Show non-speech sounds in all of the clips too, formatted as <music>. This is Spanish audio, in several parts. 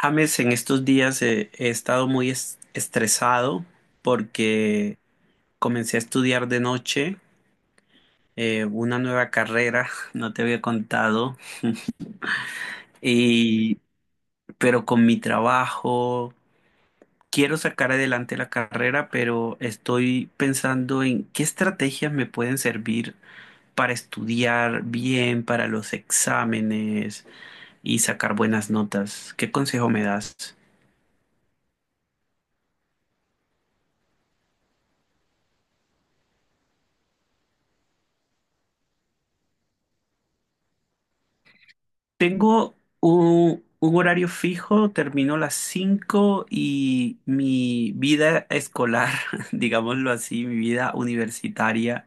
James, en estos días he estado muy estresado porque comencé a estudiar de noche, una nueva carrera, <laughs> no te había contado, y, pero con mi trabajo quiero sacar adelante la carrera, pero estoy pensando en qué estrategias me pueden servir para estudiar bien, para los exámenes y sacar buenas notas. ¿Qué consejo me das? Tengo un horario fijo, termino a las 5 y mi vida escolar, <laughs> digámoslo así, mi vida universitaria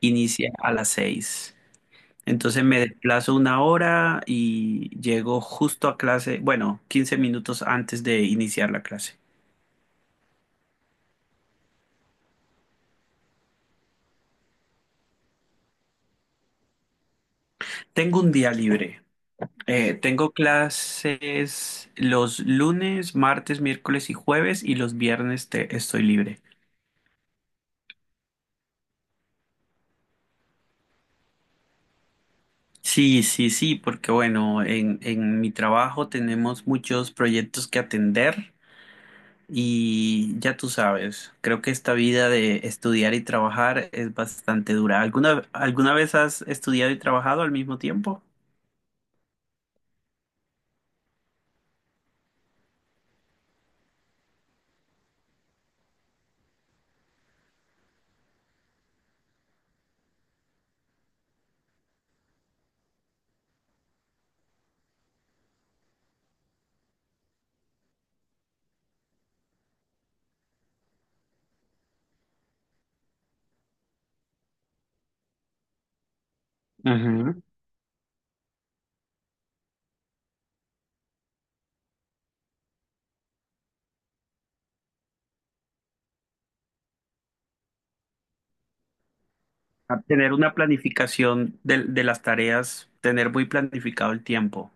inicia a las 6. Entonces me desplazo una hora y llego justo a clase, bueno, 15 minutos antes de iniciar la clase. Tengo un día libre. Tengo clases los lunes, martes, miércoles y jueves y los viernes estoy libre. Sí, sí, sí, porque bueno, en mi trabajo tenemos muchos proyectos que atender y ya tú sabes, creo que esta vida de estudiar y trabajar es bastante dura. ¿Alguna vez has estudiado y trabajado al mismo tiempo? Ujú. A tener una planificación de las tareas, tener muy planificado el tiempo.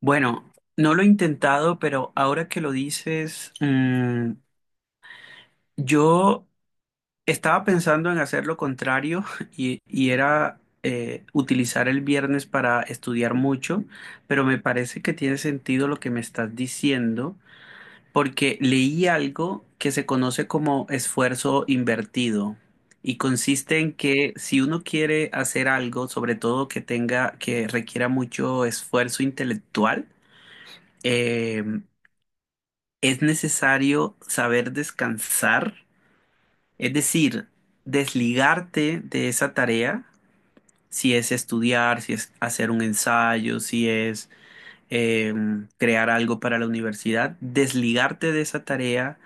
Bueno, no lo he intentado, pero ahora que lo dices, yo. Estaba pensando en hacer lo contrario <laughs> y era utilizar el viernes para estudiar mucho, pero me parece que tiene sentido lo que me estás diciendo, porque leí algo que se conoce como esfuerzo invertido y consiste en que si uno quiere hacer algo, sobre todo que requiera mucho esfuerzo intelectual, eh, es necesario saber descansar, es decir, desligarte de esa tarea, si es estudiar, si es hacer un ensayo, si es eh, crear algo para la universidad, desligarte de esa tarea,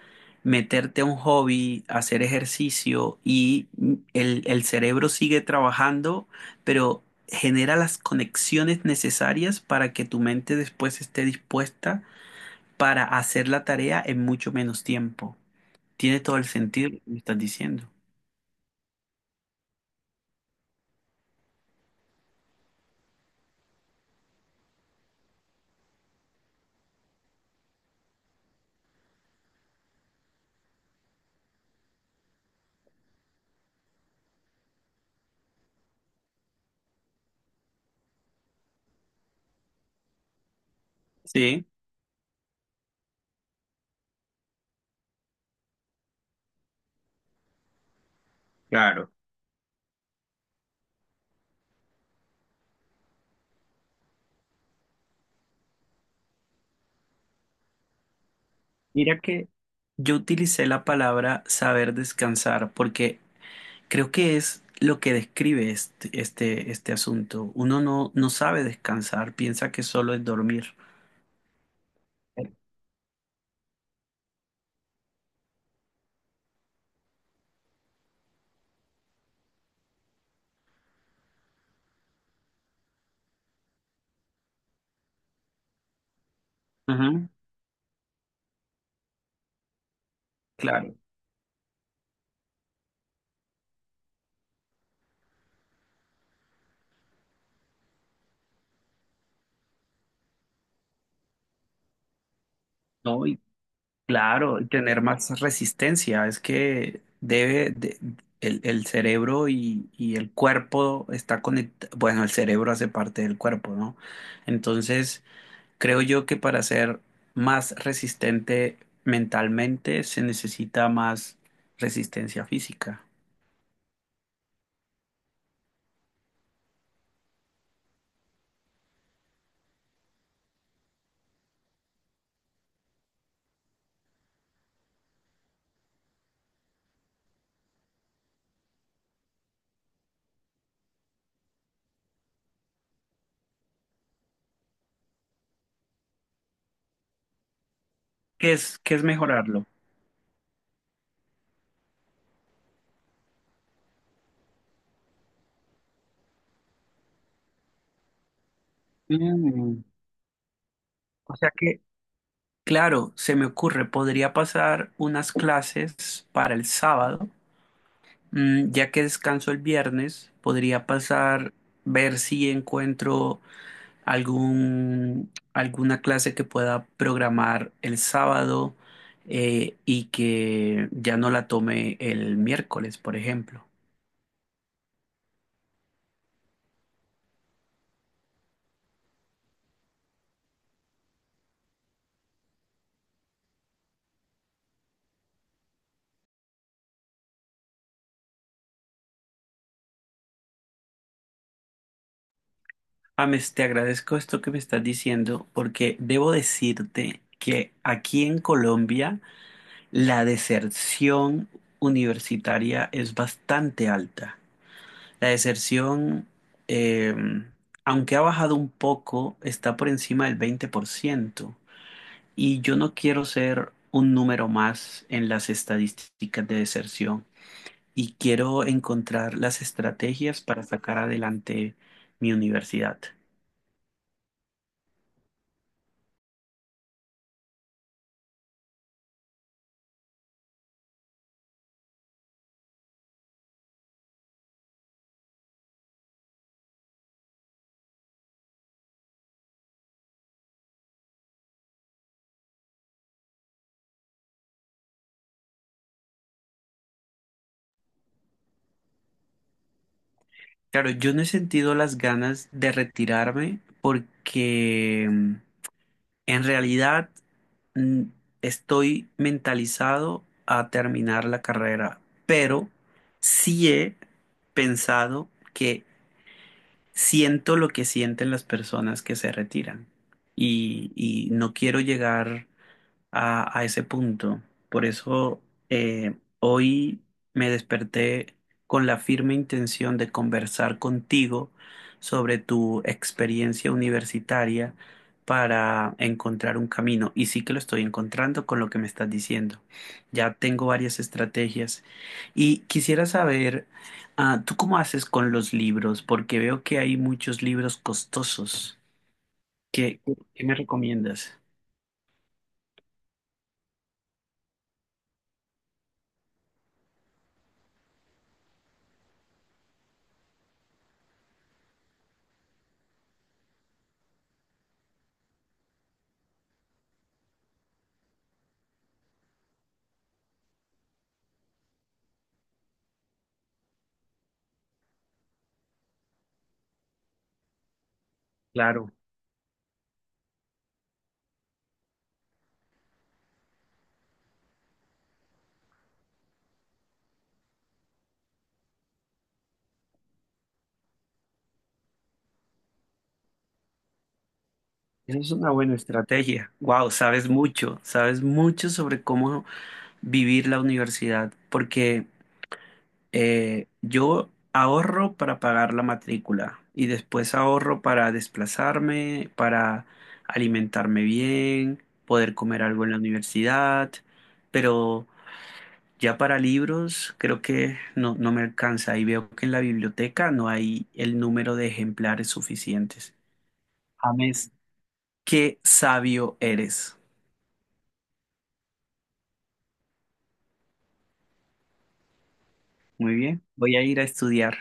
meterte a un hobby, hacer ejercicio y el cerebro sigue trabajando, pero genera las conexiones necesarias para que tu mente después esté dispuesta para hacer la tarea en mucho menos tiempo. Tiene todo el sentido lo que me estás diciendo. Sí. Claro. Mira que yo utilicé la palabra saber descansar porque creo que es lo que describe este asunto. Uno no sabe descansar, piensa que solo es dormir. Ujú, claro, no, y claro, y tener más resistencia. Es que el cerebro y el cuerpo está conectado. Bueno, el cerebro hace parte del cuerpo, ¿no? Entonces, creo yo que para ser más resistente mentalmente se necesita más resistencia física. ¿Qué es mejorarlo? Mm, O sea que, claro, se me ocurre, podría pasar unas clases para el sábado, ya que descanso el viernes, podría pasar, ver si encuentro alguna clase que pueda programar el sábado, y que ya no la tome el miércoles, por ejemplo. Ames, te agradezco esto que me estás diciendo porque debo decirte que aquí en Colombia la deserción universitaria es bastante alta. La deserción, eh, aunque ha bajado un poco, está por encima del 20%. Y yo no quiero ser un número más en las estadísticas de deserción y quiero encontrar las estrategias para sacar adelante mi universidad. Claro, yo no he sentido las ganas de retirarme porque en realidad, mm, estoy mentalizado a terminar la carrera, pero sí he pensado que siento lo que sienten las personas que se retiran y no quiero llegar a ese punto. Por eso, hoy me desperté con la firme intención de conversar contigo sobre tu experiencia universitaria para encontrar un camino. Y sí que lo estoy encontrando con lo que me estás diciendo. Ya tengo varias estrategias y quisiera saber, ah, ¿tú cómo haces con los libros? Porque veo que hay muchos libros costosos. ¿Qué, qué me recomiendas? Claro. Esa es una buena estrategia. Wow, sabes mucho sobre cómo vivir la universidad, porque yo ahorro para pagar la matrícula y después ahorro para desplazarme, para alimentarme bien, poder comer algo en la universidad, pero ya para libros creo que no me alcanza y veo que en la biblioteca no hay el número de ejemplares suficientes. James, qué sabio eres. Muy bien, voy a ir a estudiar.